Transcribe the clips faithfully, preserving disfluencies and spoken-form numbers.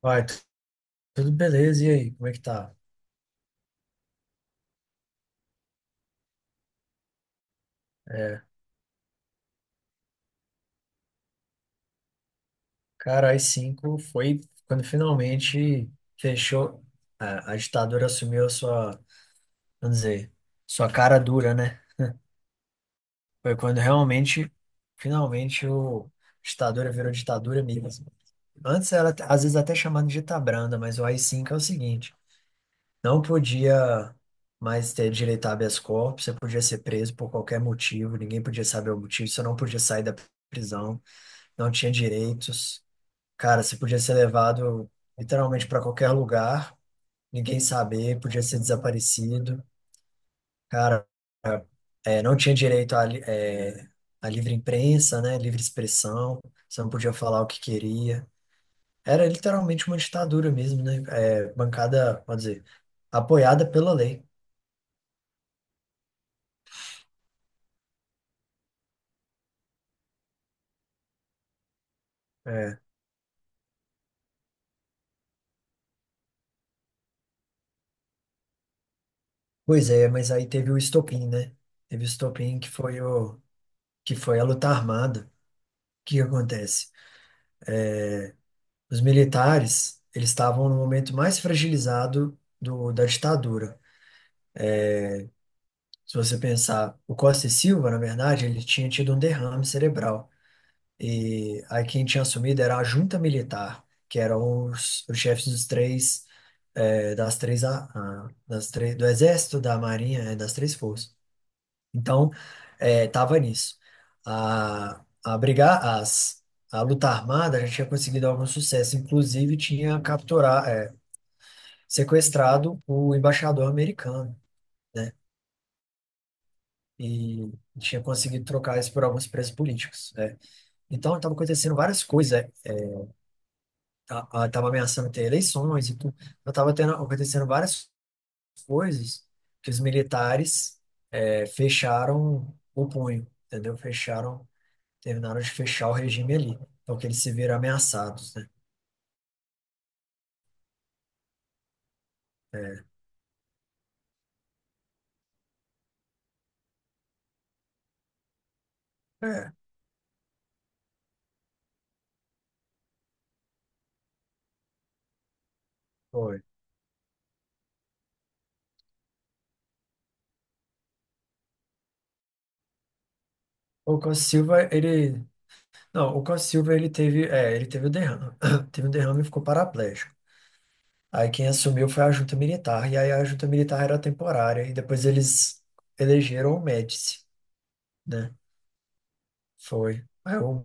Vai, tu- tudo beleza, e aí, como é que tá? É, Cara, as cinco foi quando finalmente fechou, a, a ditadura assumiu a sua, vamos dizer, sua cara dura, né? Foi quando realmente, finalmente, o a ditadura virou ditadura mesmo. Antes era, às vezes, até chamada de ditabranda, mas o A I cinco é o seguinte: não podia mais ter direito a habeas corpus, você podia ser preso por qualquer motivo, ninguém podia saber o motivo, você não podia sair da prisão, não tinha direitos. Cara, você podia ser levado literalmente para qualquer lugar, ninguém saber, podia ser desaparecido. Cara, é, não tinha direito à, li- é, à livre imprensa, né? Livre expressão, você não podia falar o que queria. Era literalmente uma ditadura mesmo, né? É, bancada, pode dizer, apoiada pela lei. É. Pois é, mas aí teve o estopim, né? Teve o estopim que foi o que foi a luta armada. O que que acontece? Os militares, eles estavam no momento mais fragilizado do, da ditadura. Se você pensar, o Costa e Silva, na verdade, ele tinha tido um derrame cerebral. E aí quem tinha assumido era a junta militar, que eram os, os chefes dos três, eh, das três, a- a- das três, do exército, da marinha, eh, das três forças. Então, estava nisso. A, a brigar, as, a luta armada já tinha conseguido algum sucesso, inclusive tinha capturar sequestrado o embaixador americano, né? E tinha conseguido trocar isso por alguns presos políticos, né? Então, estava acontecendo várias coisas, né? Estava ameaçando ter eleições e tudo. Então, estava tendo, acontecendo várias coisas que os militares eh, fecharam o punho, entendeu? Fecharam, terminaram de fechar o regime ali. Então, que eles se viram ameaçados, né? É, é, foi. O Costa Silva, ele... Não, o Costa Silva, ele teve, é, ele teve o derrame. Teve um derrame e ficou paraplégico. Aí quem assumiu foi a junta militar, e aí a junta militar era temporária, e depois eles elegeram o Médici, né? Foi. Aí o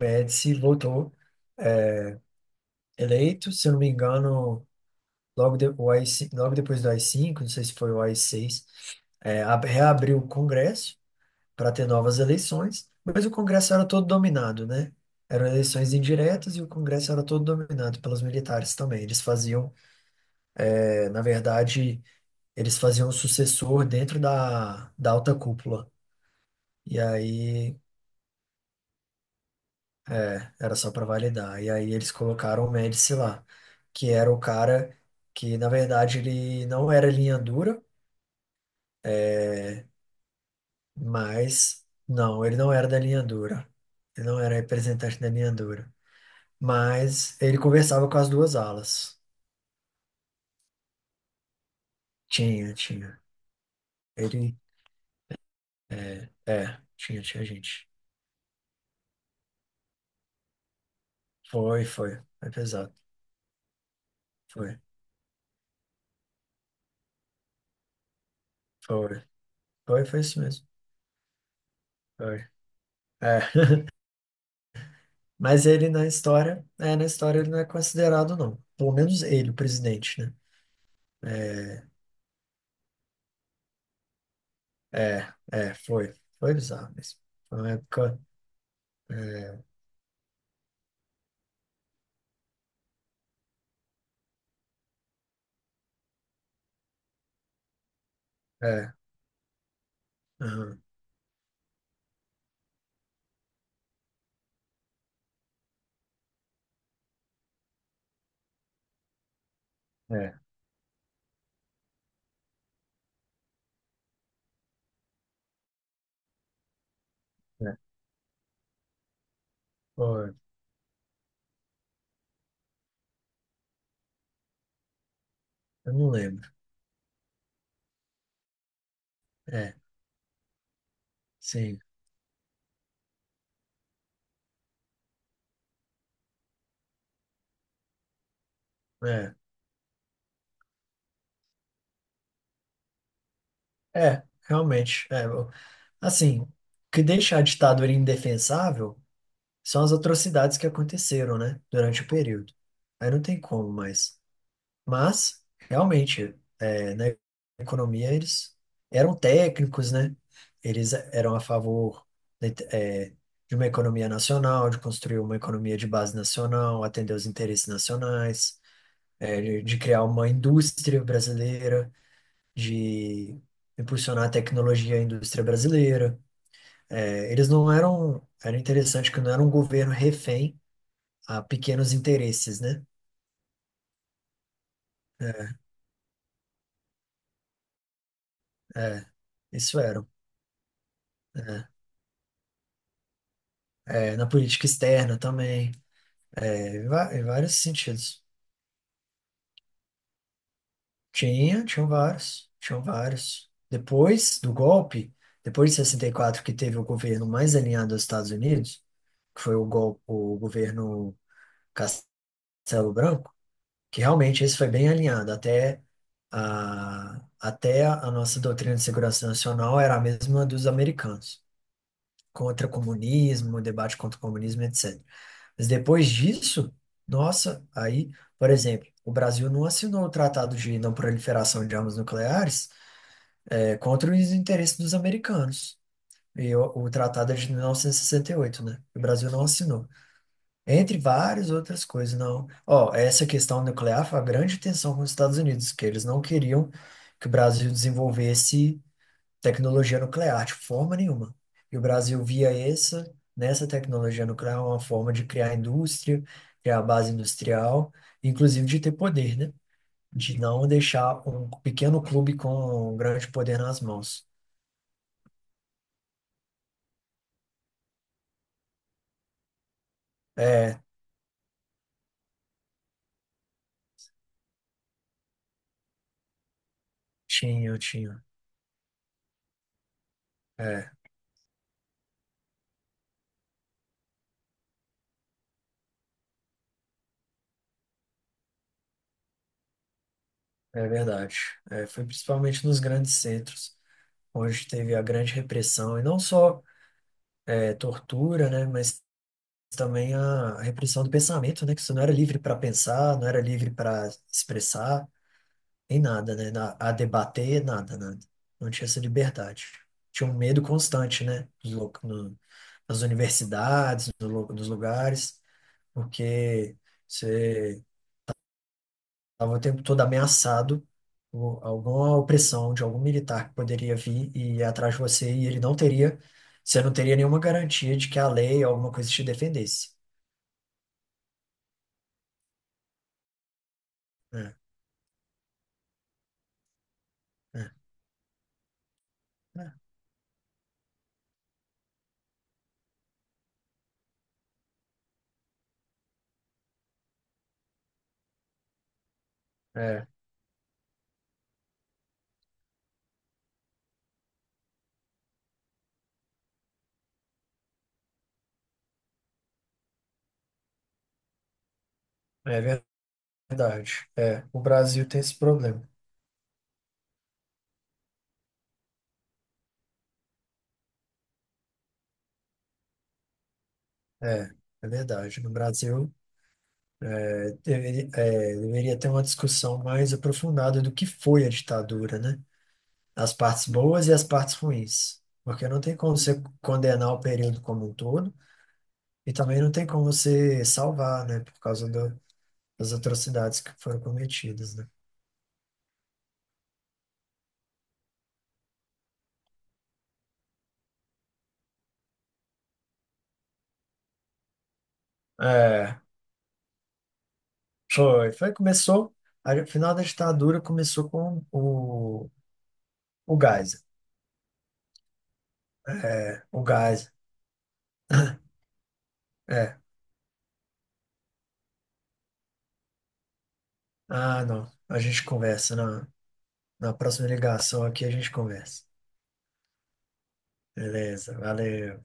Médici voltou eleito, se eu não me engano, logo, de, o A I cinco, logo depois do A I cinco, não sei se foi o A I seis, é, ab- reabriu o Congresso para ter novas eleições, mas o Congresso era todo dominado, né? Eram eleições indiretas e o Congresso era todo dominado pelos militares também. Eles faziam, é, na verdade, eles faziam um sucessor dentro da, da alta cúpula. E aí era só para validar. E aí eles colocaram o Médici lá, que era o cara que, na verdade, ele não era linha dura, mas não, ele não era da linha dura. Ele não era representante da linha dura. Mas ele conversava com as duas alas. Tinha, tinha. Ele, é, é, tinha, Tinha gente. Foi, foi. Foi pesado. Foi, foi. Foi, foi isso mesmo. Foi. É. Mas ele na história, é, na história ele não é considerado, não. Pelo menos ele, o presidente, né? É, é, é, foi. Foi bizarro mesmo. Foi uma época. É, é, aham, é, é, foi. Eu não lembro. É, sim. É, é, realmente. É, eu- assim, o que deixa a ditadura indefensável são as atrocidades que aconteceram, né? Durante o período. Aí não tem como mais. Mas, realmente, é, na economia eles eram técnicos, né? Eles eram a favor da inte- é, de uma economia nacional, de construir uma economia de base nacional, atender os interesses nacionais, é, de, de criar uma indústria brasileira, de impulsionar a tecnologia e a indústria brasileira. É, eles não eram. Era interessante que não era um governo refém a pequenos interesses, né? É, é, isso eram. É. É, na política externa também, é, em va- em vários sentidos. Tinha, tinham vários, tinham vários. Depois do golpe, depois de sessenta e quatro que teve o governo mais alinhado aos Estados Unidos, que foi o, gol, o governo Castelo Branco, que realmente esse foi bem alinhado. Até a, até a nossa doutrina de segurança nacional era a mesma dos americanos, contra comunismo, debate contra o comunismo, etcétera. Mas depois disso, nossa, aí, por exemplo, o Brasil não assinou o Tratado de Não Proliferação de Armas Nucleares, eh, contra os interesses dos americanos. E o, o tratado é de mil novecentos e sessenta e oito, né? O Brasil não assinou. Entre várias outras coisas, não. Ó, essa questão nuclear foi a grande tensão com os Estados Unidos, que eles não queriam que o Brasil desenvolvesse tecnologia nuclear, de forma nenhuma. E o Brasil via essa, nessa tecnologia nuclear, é uma forma de criar indústria, criar base industrial, inclusive de ter poder, né? De não deixar um pequeno clube com um grande poder nas mãos. É, tinha, tinha. É, é verdade. É, foi principalmente nos grandes centros, onde teve a grande repressão, e não só é, tortura, né? Mas também a repressão do pensamento, né? Que você não era livre para pensar, não era livre para expressar, nem nada, né? na- A debater, nada, nada. Não tinha essa liberdade. Tinha um medo constante, né? Nos lo- no- Nas universidades, no lu- nos lugares, porque você estava o tempo todo ameaçado por alguma opressão de algum militar que poderia vir e ir atrás de você e ele não teria, você não teria nenhuma garantia de que a lei ou alguma coisa te defendesse. É, é, é. É verdade. É, o Brasil tem esse problema. É, é verdade. No Brasil, é, deveria, é, deveria ter uma discussão mais aprofundada do que foi a ditadura, né? As partes boas e as partes ruins. Porque não tem como você condenar o período como um todo e também não tem como você salvar, né? Por causa do- das atrocidades que foram cometidas, né? É, foi. Foi, começou. A, o final da ditadura começou com o, o Geisel. É, o Geisel. É. Ah, não. A gente conversa na, na próxima ligação aqui, a gente conversa. Beleza, valeu.